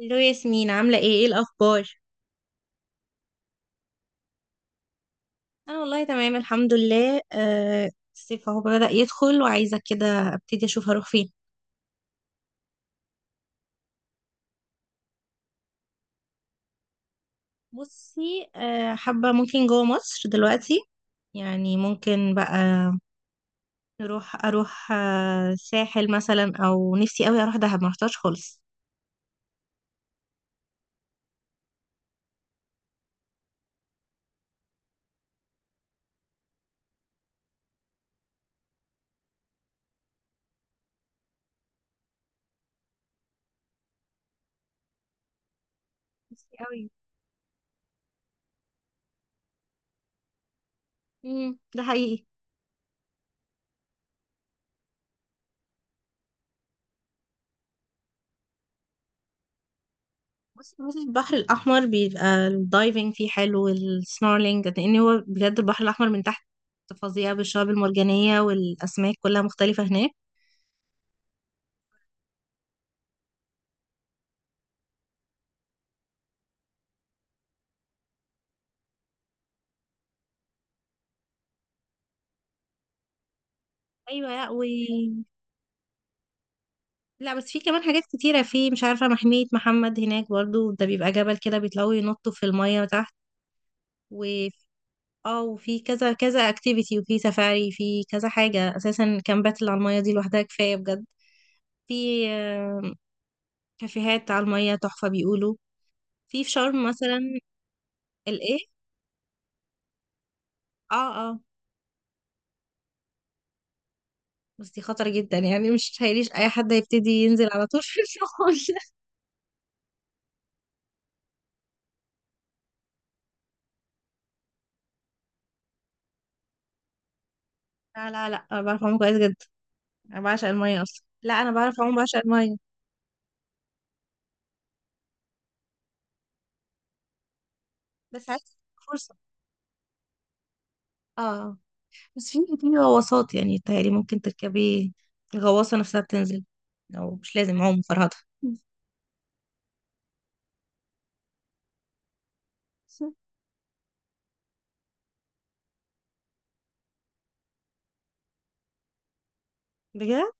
الو ياسمين، عاملة ايه؟ ايه الأخبار؟ أنا والله تمام الحمد لله. الصيف اهو بدأ يدخل وعايزة كده أبتدي أشوف هروح فين. بصي، حابة ممكن جوه مصر دلوقتي. يعني ممكن بقى أروح ساحل مثلا، أو نفسي أوي أروح دهب، ما رحتهاش خالص. نفسي أوي. ده حقيقي. بصي، البحر الأحمر بيبقى الدايفنج فيه حلو والسنورلينج، لأن هو بجد البحر الأحمر من تحت فظيع، بالشعاب المرجانية والأسماك كلها مختلفة هناك. أيوة. لا لا بس في كمان حاجات كتيرة، في مش عارفة محمية محمد هناك برضو، ده بيبقى جبل كده بيطلعوا ينطوا في المية تحت. و اه وفي كذا كذا اكتيفيتي، وفي سفاري، في كذا حاجة، أساسا كامبات اللي على المية دي لوحدها كفاية بجد. في كافيهات على المية تحفة بيقولوا، في شرم مثلا. الإيه؟ اه، اه. بس دي خطر جدا، يعني مش تخيليش اي حد هيبتدي ينزل على طول في الشغل لا لا لا، انا بعرف اعوم كويس جدا، انا بعشق الميه اصلا. لا انا بعرف اعوم، بعشق الميه. بس عايز فرصه. اه، بس في غواصات، يعني تهيألي ممكن تركبي، الغواصه نفسها بتنزل، او مش لازم عوم فرهضه. بجد.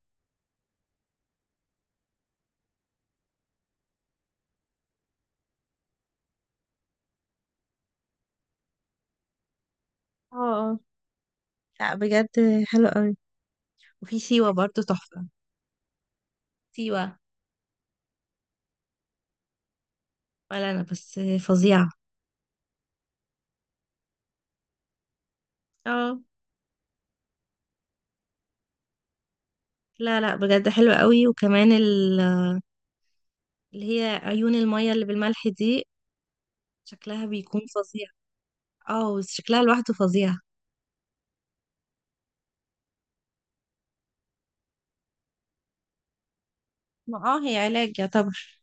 اه. آه. لا بجد حلو قوي. وفي سيوه برضو تحفه. سيوه. ولا انا بس، فظيعه. اه. لا لا، بجد حلوة قوي، وكمان اللي هي عيون المية اللي بالملح دي، شكلها بيكون فظيع. اه، شكلها لوحده فظيع. ما هي علاج يعتبر،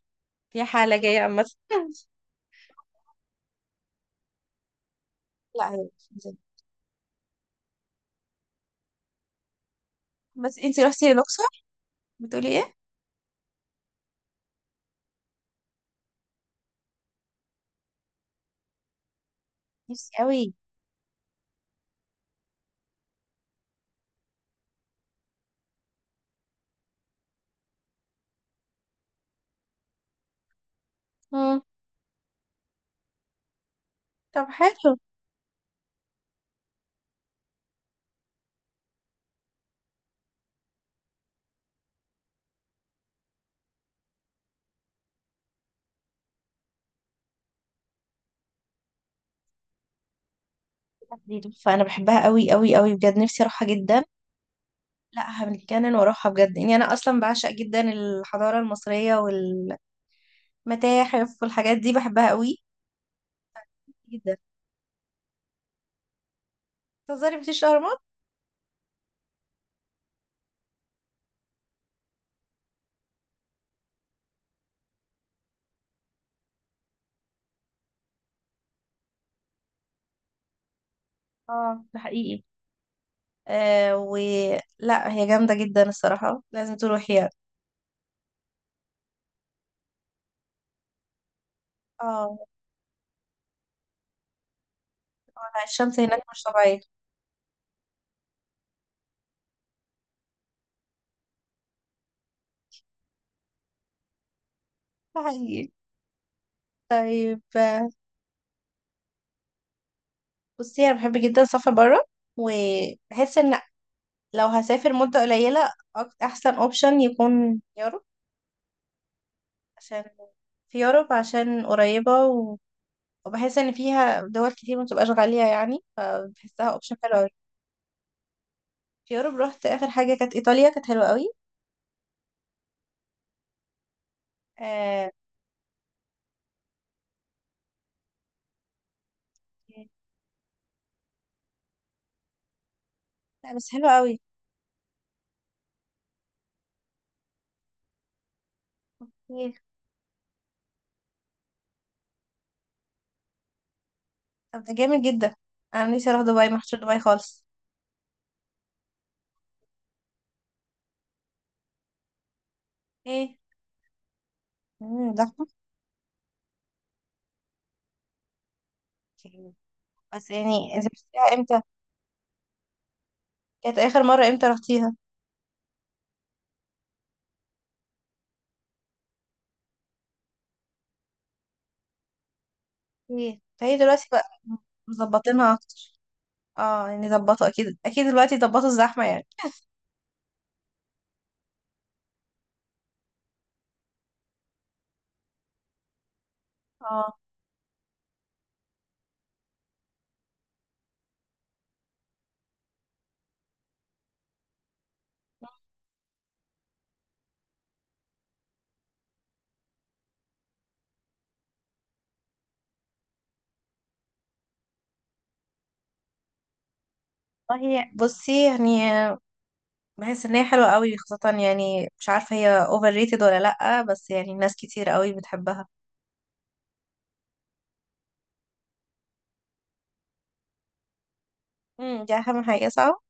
هي حالة جاية عامة لا هي مش نزل. بس انتي رحتي الأقصر، بتقولي ايه؟ نفسي قوي. مم. طب حلو. دي تحفة، أنا بحبها قوي قوي قوي بجد، نفسي أروحها جدا. لا هنتجنن وأروحها بجد يعني، أنا أصلا بعشق جدا الحضارة المصرية والمتاحف والحاجات دي، بحبها قوي جدا. تهزري مفيش أهرامات؟ اه، ده حقيقي. آه و لا، هي جامدة جدا الصراحة، لازم تروحي يعني. اه. الشمس هناك مش طبيعية. ده حقيقي. طيب. بصي أنا بحب جدا السفر برا، وبحس إن لو هسافر مدة قليلة، أحسن أوبشن يكون يوروب. عشان، في يوروب، عشان قريبة وبحس إن فيها دول كتير متبقاش غالية يعني، فبحسها أوبشن حلو أوي. في يوروب رحت آخر حاجة كانت إيطاليا، كانت حلوة أوي. آه... لا بس حلوة أوي. ايه؟ طب ده جامد جدا، أنا نفسي أروح دبي، محشور دبي خالص. ايه. امم زحمة. بس يعني انت بتشتريها امتى؟ كانت اخر مرة امتى رحتيها؟ ايه، فهي دلوقتي بقى مظبطينها اكتر. اه يعني ظبطوا، اكيد اكيد دلوقتي ظبطوا الزحمة يعني اه والله بصي يعني، بحس ان هي حلوة قوي خاصة، يعني مش عارفة هي اوفر ريتد ولا لأ، بس يعني ناس كتير قوي بتحبها. دي اهم حاجة صح.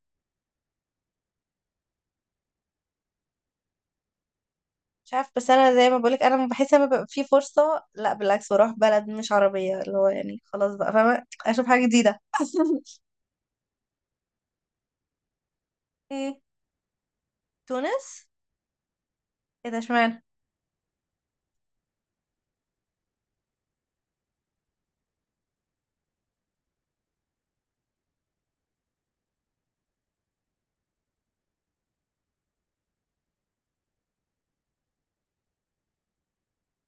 مش عارف، بس انا زي ما بقولك انا بحس لما بيبقى في فرصة، لا بالعكس، بروح بلد مش عربية، اللي هو يعني خلاص بقى فاهمة اشوف حاجة جديدة. مم. تونس. ايه ده، اشمعنى؟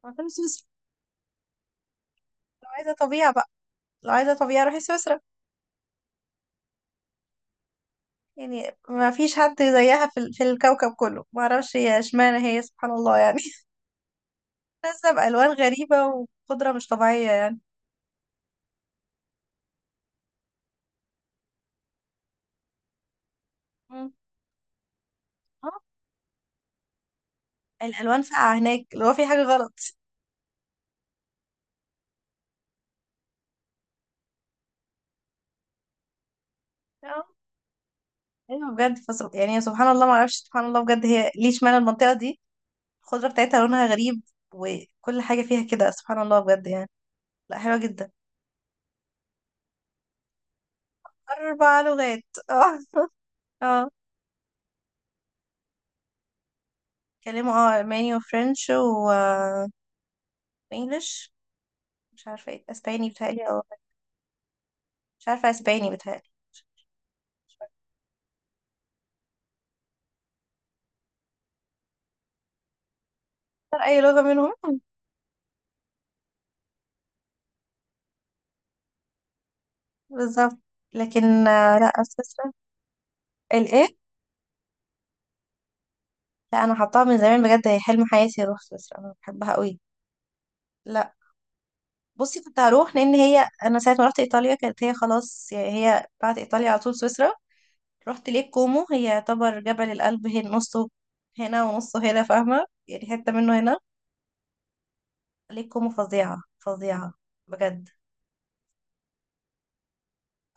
ما كانوا سويسرا. لو عايزة طبيعة بقى لو عايزة طبيعة، روحي سويسرا. يعني ما فيش حد زيها في الكوكب كله، ما اعرفش هي اشمعنى هي، سبحان الله يعني. نازلة بألوان غريبة، وقدرة مش طبيعية يعني. مم. اه، الألوان فاقعة هناك، اللي هو في حاجة غلط. اه، ايوه بجد، فصل يعني، سبحان الله، ما اعرفش، سبحان الله بجد، هي ليه اشمعنى المنطقة دي؟ الخضرة بتاعتها لونها غريب، وكل حاجة فيها كده سبحان الله بجد يعني، لا حلوة جدا. أربع لغات. اه، اه، بيتكلموا ألماني وفرنش و انجلش. مش عارفه ايه اسباني بتهيألي او مش عارفه اسباني بتهيألي. مش فاكرة اي لغه منهم بالظبط. لكن لا سويسرا. الايه؟ لا انا حطاها من زمان بجد، هي حلم حياتي اروح سويسرا، انا بحبها قوي. لا، بصي كنت هروح، لان هي انا ساعه ما رحت ايطاليا كانت هي خلاص، يعني هي بعد ايطاليا على طول سويسرا. رحت ليك كومو، هي يعتبر جبل الألب هي نصه هنا ونصه هنا، فاهمه يعني، حته منه هنا. ليك كومو فظيعه فظيعه بجد.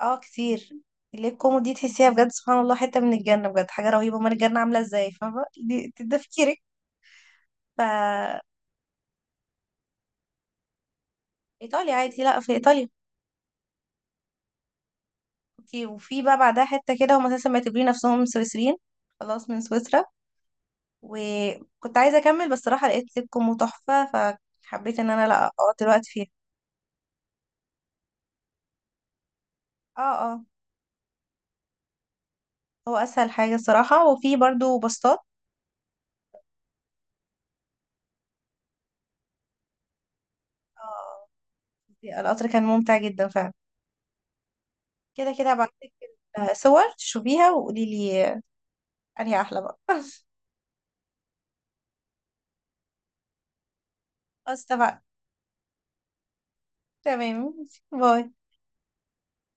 اه، كتير. اللي هي الكوميدي دي تحسيها بجد سبحان الله حتة من الجنة، بجد حاجة رهيبة، امال الجنة عاملة ازاي، فاهمة؟ ده تفكيرك. ف ايطاليا عادي، لا، في ايطاليا اوكي، وفي بقى بعدها حتة كده هم اساسا معتبرين نفسهم سويسريين، خلاص من سويسرا. وكنت عايزة اكمل، بس صراحة لقيت لكم تحفة، فحبيت ان انا لا اقعد الوقت فيها. اه، اه. هو اسهل حاجة الصراحة، وفي برضو باصات. اه، القطر كان ممتع جدا فعلا. كده كده هبعتلك صور تشوفيها وقولي لي انهي احلى بقى خلاص اتفقنا. تمام. باي.